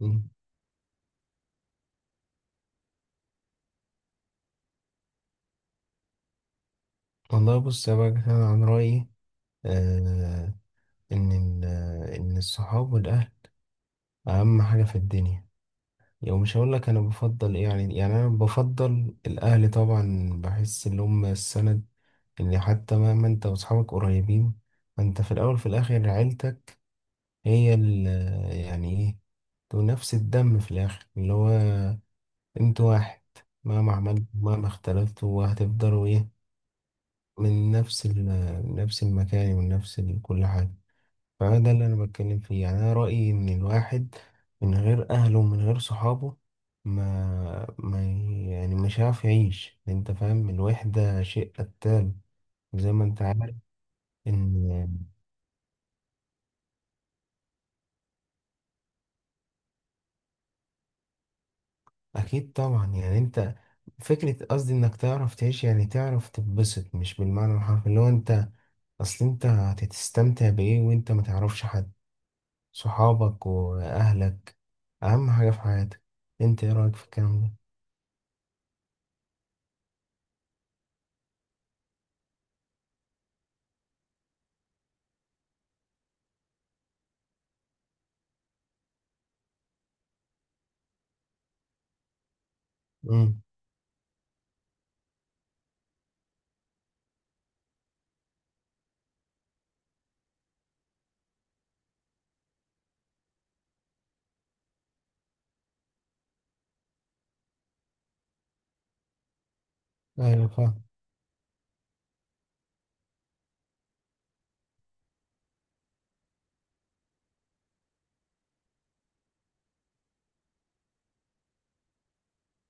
مم. والله بص يا بقى أنا عن رأيي، آه إن ال- آه، إن الصحاب والأهل أهم حاجة في الدنيا. يعني مش هقول لك أنا بفضل إيه، يعني أنا بفضل الأهل. طبعا بحس إن هم السند، إن حتى مهما أنت وأصحابك قريبين، فأنت في الأول في الآخر عيلتك. هي ال آه، يعني إيه، تو نفس الدم في الآخر، اللي هو أنتوا واحد. مهما عملتوا مهما اختلفتوا هتفضلوا إيه، من نفس نفس المكان، ومن نفس كل حاجة. فده اللي انا بتكلم فيه. يعني انا رأيي ان الواحد من غير اهله ومن غير صحابه ما يعني مش عارف يعيش. انت فاهم، الوحدة شيء قتال زي ما انت عارف. ان اكيد طبعا، يعني فكرة قصدي انك تعرف تعيش، يعني تعرف تتبسط، مش بالمعنى الحرفي اللي هو اصل انت هتستمتع بايه وانت ما تعرفش حد؟ صحابك واهلك اهم حاجة في حياتك. انت ايه رأيك في الكلام ده؟ امم. ايوه، فاهم.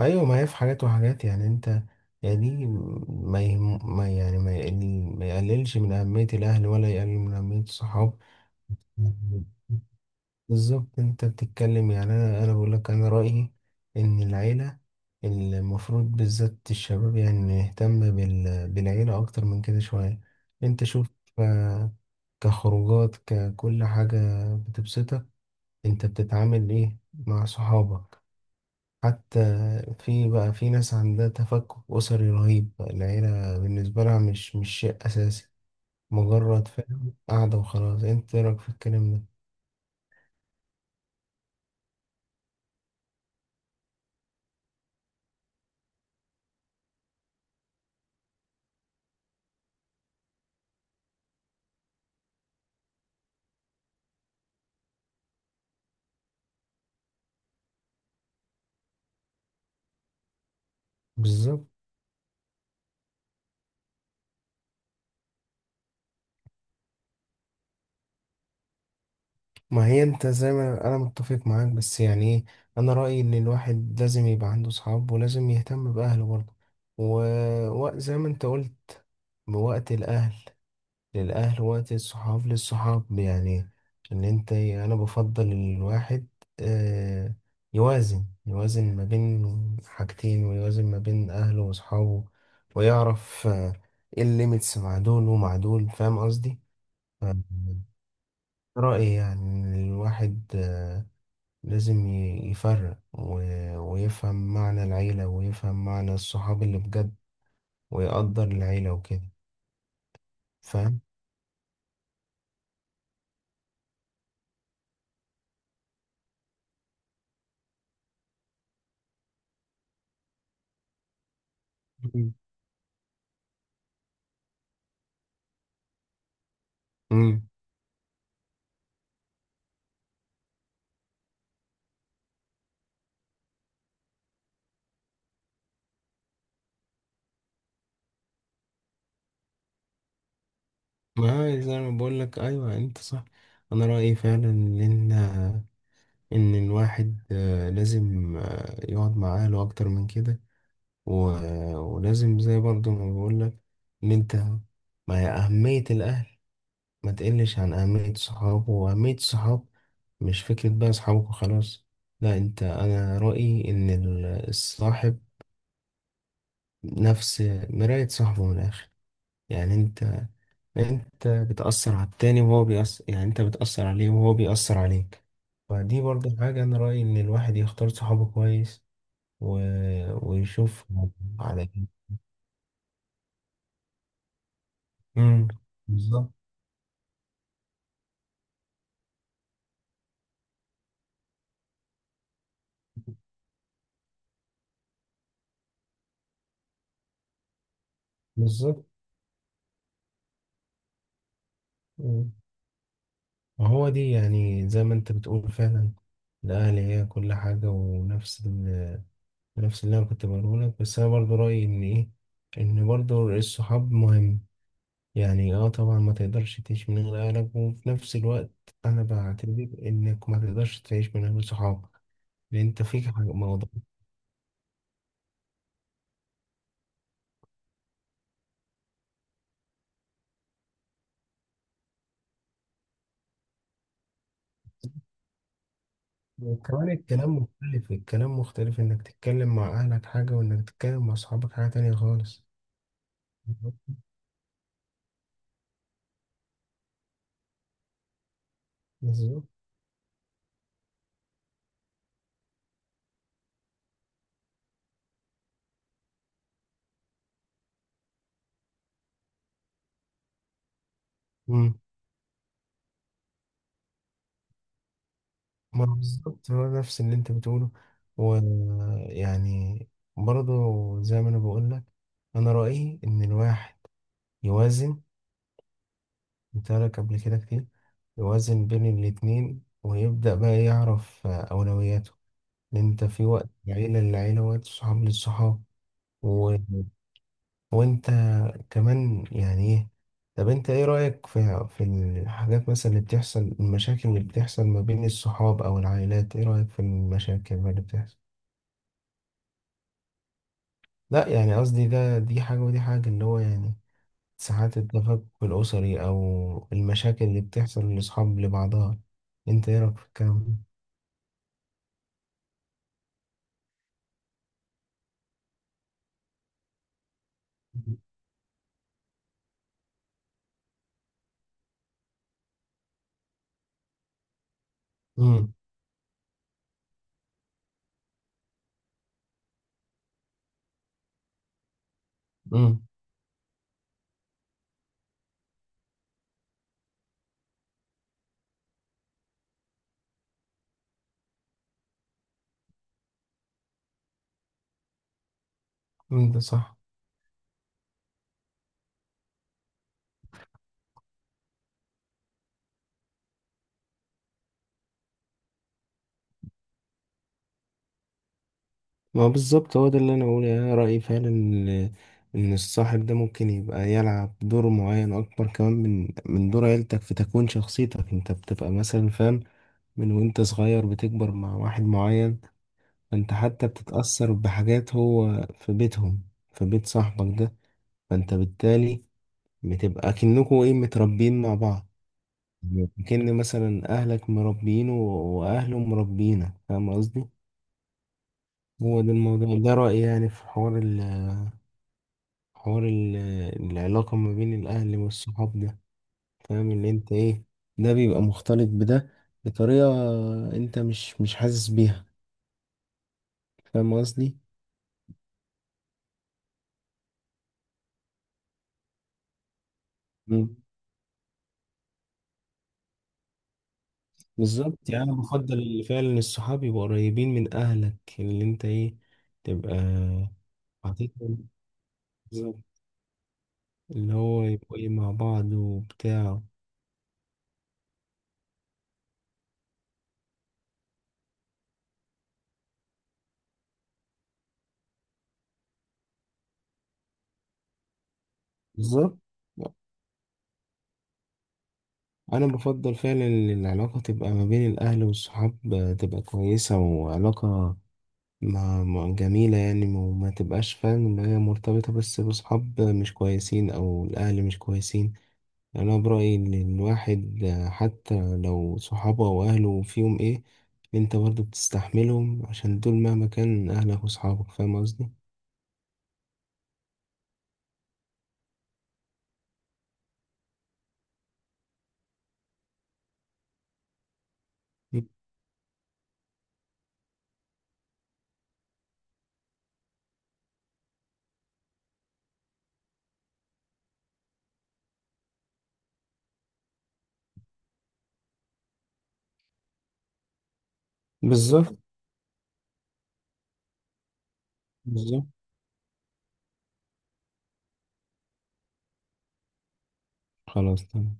ايوه، ما هي في حاجات وحاجات. يعني انت، يعني ما, يهم ما يعني ما يعني ما يقللش من اهميه الاهل، ولا يقلل من اهميه الصحاب. بالظبط، انت بتتكلم. يعني انا بقول لك انا رايي ان العيله المفروض، بالذات الشباب، يعني نهتم بالعيله اكتر من كده شويه. انت شوف، آه، كخروجات، ككل حاجه بتبسطك. انت بتتعامل ايه مع صحابك حتى؟ بقى في ناس عندها تفكك أسري رهيب، العيلة بالنسبة لها مش شيء أساسي، مجرد فاهم قاعدة وخلاص. أنت إيه رأيك في الكلام ده؟ بالظبط. ما هي أنت زي ما أنا متفق معاك، بس يعني إيه، أنا رأيي إن الواحد لازم يبقى عنده صحاب، ولازم يهتم بأهله برضه. و... وزي ما أنت قلت، بوقت الأهل للأهل، وقت الصحاب للصحاب. يعني إن أنت إيه، أنا بفضل الواحد آه، يوازن ما بين حاجتين، ويوازن ما بين أهله وأصحابه، ويعرف إيه الليميتس مع دول ومع دول. فاهم قصدي؟ ف- رأيي يعني إن الواحد لازم يفرق ويفهم معنى العيلة، ويفهم معنى الصحاب اللي بجد، ويقدر العيلة وكده. فاهم؟ مم. مم. ما زي ما بقول لك، ايوه انت صح. انا رايي فعلا ان الواحد لازم يقعد مع اهله اكتر من كده. ولازم، زي برضو ما بقول لك، ان انت، ما هي اهميه الاهل ما تقلش عن اهميه الصحاب، واهميه الصحاب مش فكره بقى اصحابك وخلاص. لا انت، انا رايي ان الصاحب نفس مرايه صاحبه من الاخر. يعني انت، بتأثر على التاني وهو بيأثر، يعني انت بتأثر عليه وهو بيأثر عليك. فدي برضه حاجة. انا رأيي ان الواحد يختار صحابه كويس و... ويشوف على كده. امم. بالظبط، بالظبط. مم. وهو دي، يعني زي ما انت بتقول فعلا، الأهل هي كل حاجة. ونفس نفس اللي انا كنت بقوله لك. بس انا برضه رأيي ان ايه، ان برضه الصحاب مهم. يعني طبعا ما تقدرش تعيش من غير اهلك، وفي نفس الوقت انا بعتبر انك ما تقدرش تعيش من غير صحابك، لان انت فيك حاجة، موضوع. وكمان الكلام مختلف، الكلام مختلف، انك تتكلم مع اهلك حاجة، وانك تتكلم مع صحابك حاجة تانية خالص. بالظبط. بالظبط. مم. ما بالظبط، هو نفس اللي انت بتقوله. ويعني برضه زي ما انا بقول لك، انا رأيي ان الواحد يوازن، ترك قبل كده كتير، يوازن بين الاتنين، ويبدأ بقى يعرف أولوياته، لأن أنت في وقت العيلة للعيلة، وقت صحاب للصحاب. و... وأنت كمان، يعني إيه، طب أنت إيه رأيك في الحاجات مثلا اللي بتحصل، المشاكل اللي بتحصل ما بين الصحاب أو العائلات؟ إيه رأيك في المشاكل اللي بتحصل؟ لا، يعني قصدي دي حاجة ودي حاجة. اللي هو يعني ساعات التفكك الأسري، أو المشاكل اللي بتحصل لأصحاب لبعضها. أنت إيه رأيك في الكلام ده؟ امم. امم. ده صح. ما هو بالظبط، هو ده اللي انا بقوله. يعني انا رايي فعلا ان، إن الصاحب ده ممكن يبقى يلعب دور معين اكبر كمان من دور عيلتك في تكوين شخصيتك. انت بتبقى مثلا فاهم، من وانت صغير بتكبر مع واحد معين، فانت حتى بتتاثر بحاجات هو في بيتهم، في بيت صاحبك ده. فانت بالتالي بتبقى كأنكوا ايه، متربيين مع بعض. كأن مثلا اهلك مربيينه واهله مربيينك. فاهم قصدي؟ هو ده الموضوع، ده رأيي يعني في حوار العلاقة ما بين الأهل والصحاب ده. فاهم إن أنت إيه، ده بيبقى مختلط بده بطريقة أنت مش حاسس بيها. فاهم قصدي؟ مم. بالظبط، يعني أنا بفضل اللي فعلا الصحاب يبقوا قريبين من أهلك، اللي أنت إيه، تبقى حاططهم. بالظبط. اللي هو يبقوا إيه مع بعض وبتاع. بالظبط. انا بفضل فعلا ان العلاقه تبقى ما بين الاهل والصحاب تبقى كويسه، وعلاقه جميله. يعني وما ما تبقاش فاهم ان هي مرتبطه بس بصحاب مش كويسين او الاهل مش كويسين. يعني انا برايي ان الواحد حتى لو صحابه واهله فيهم ايه، انت برضه بتستحملهم عشان دول مهما كان اهلك وصحابك. فاهم قصدي؟ بالظبط. بالظبط. خلاص تمام.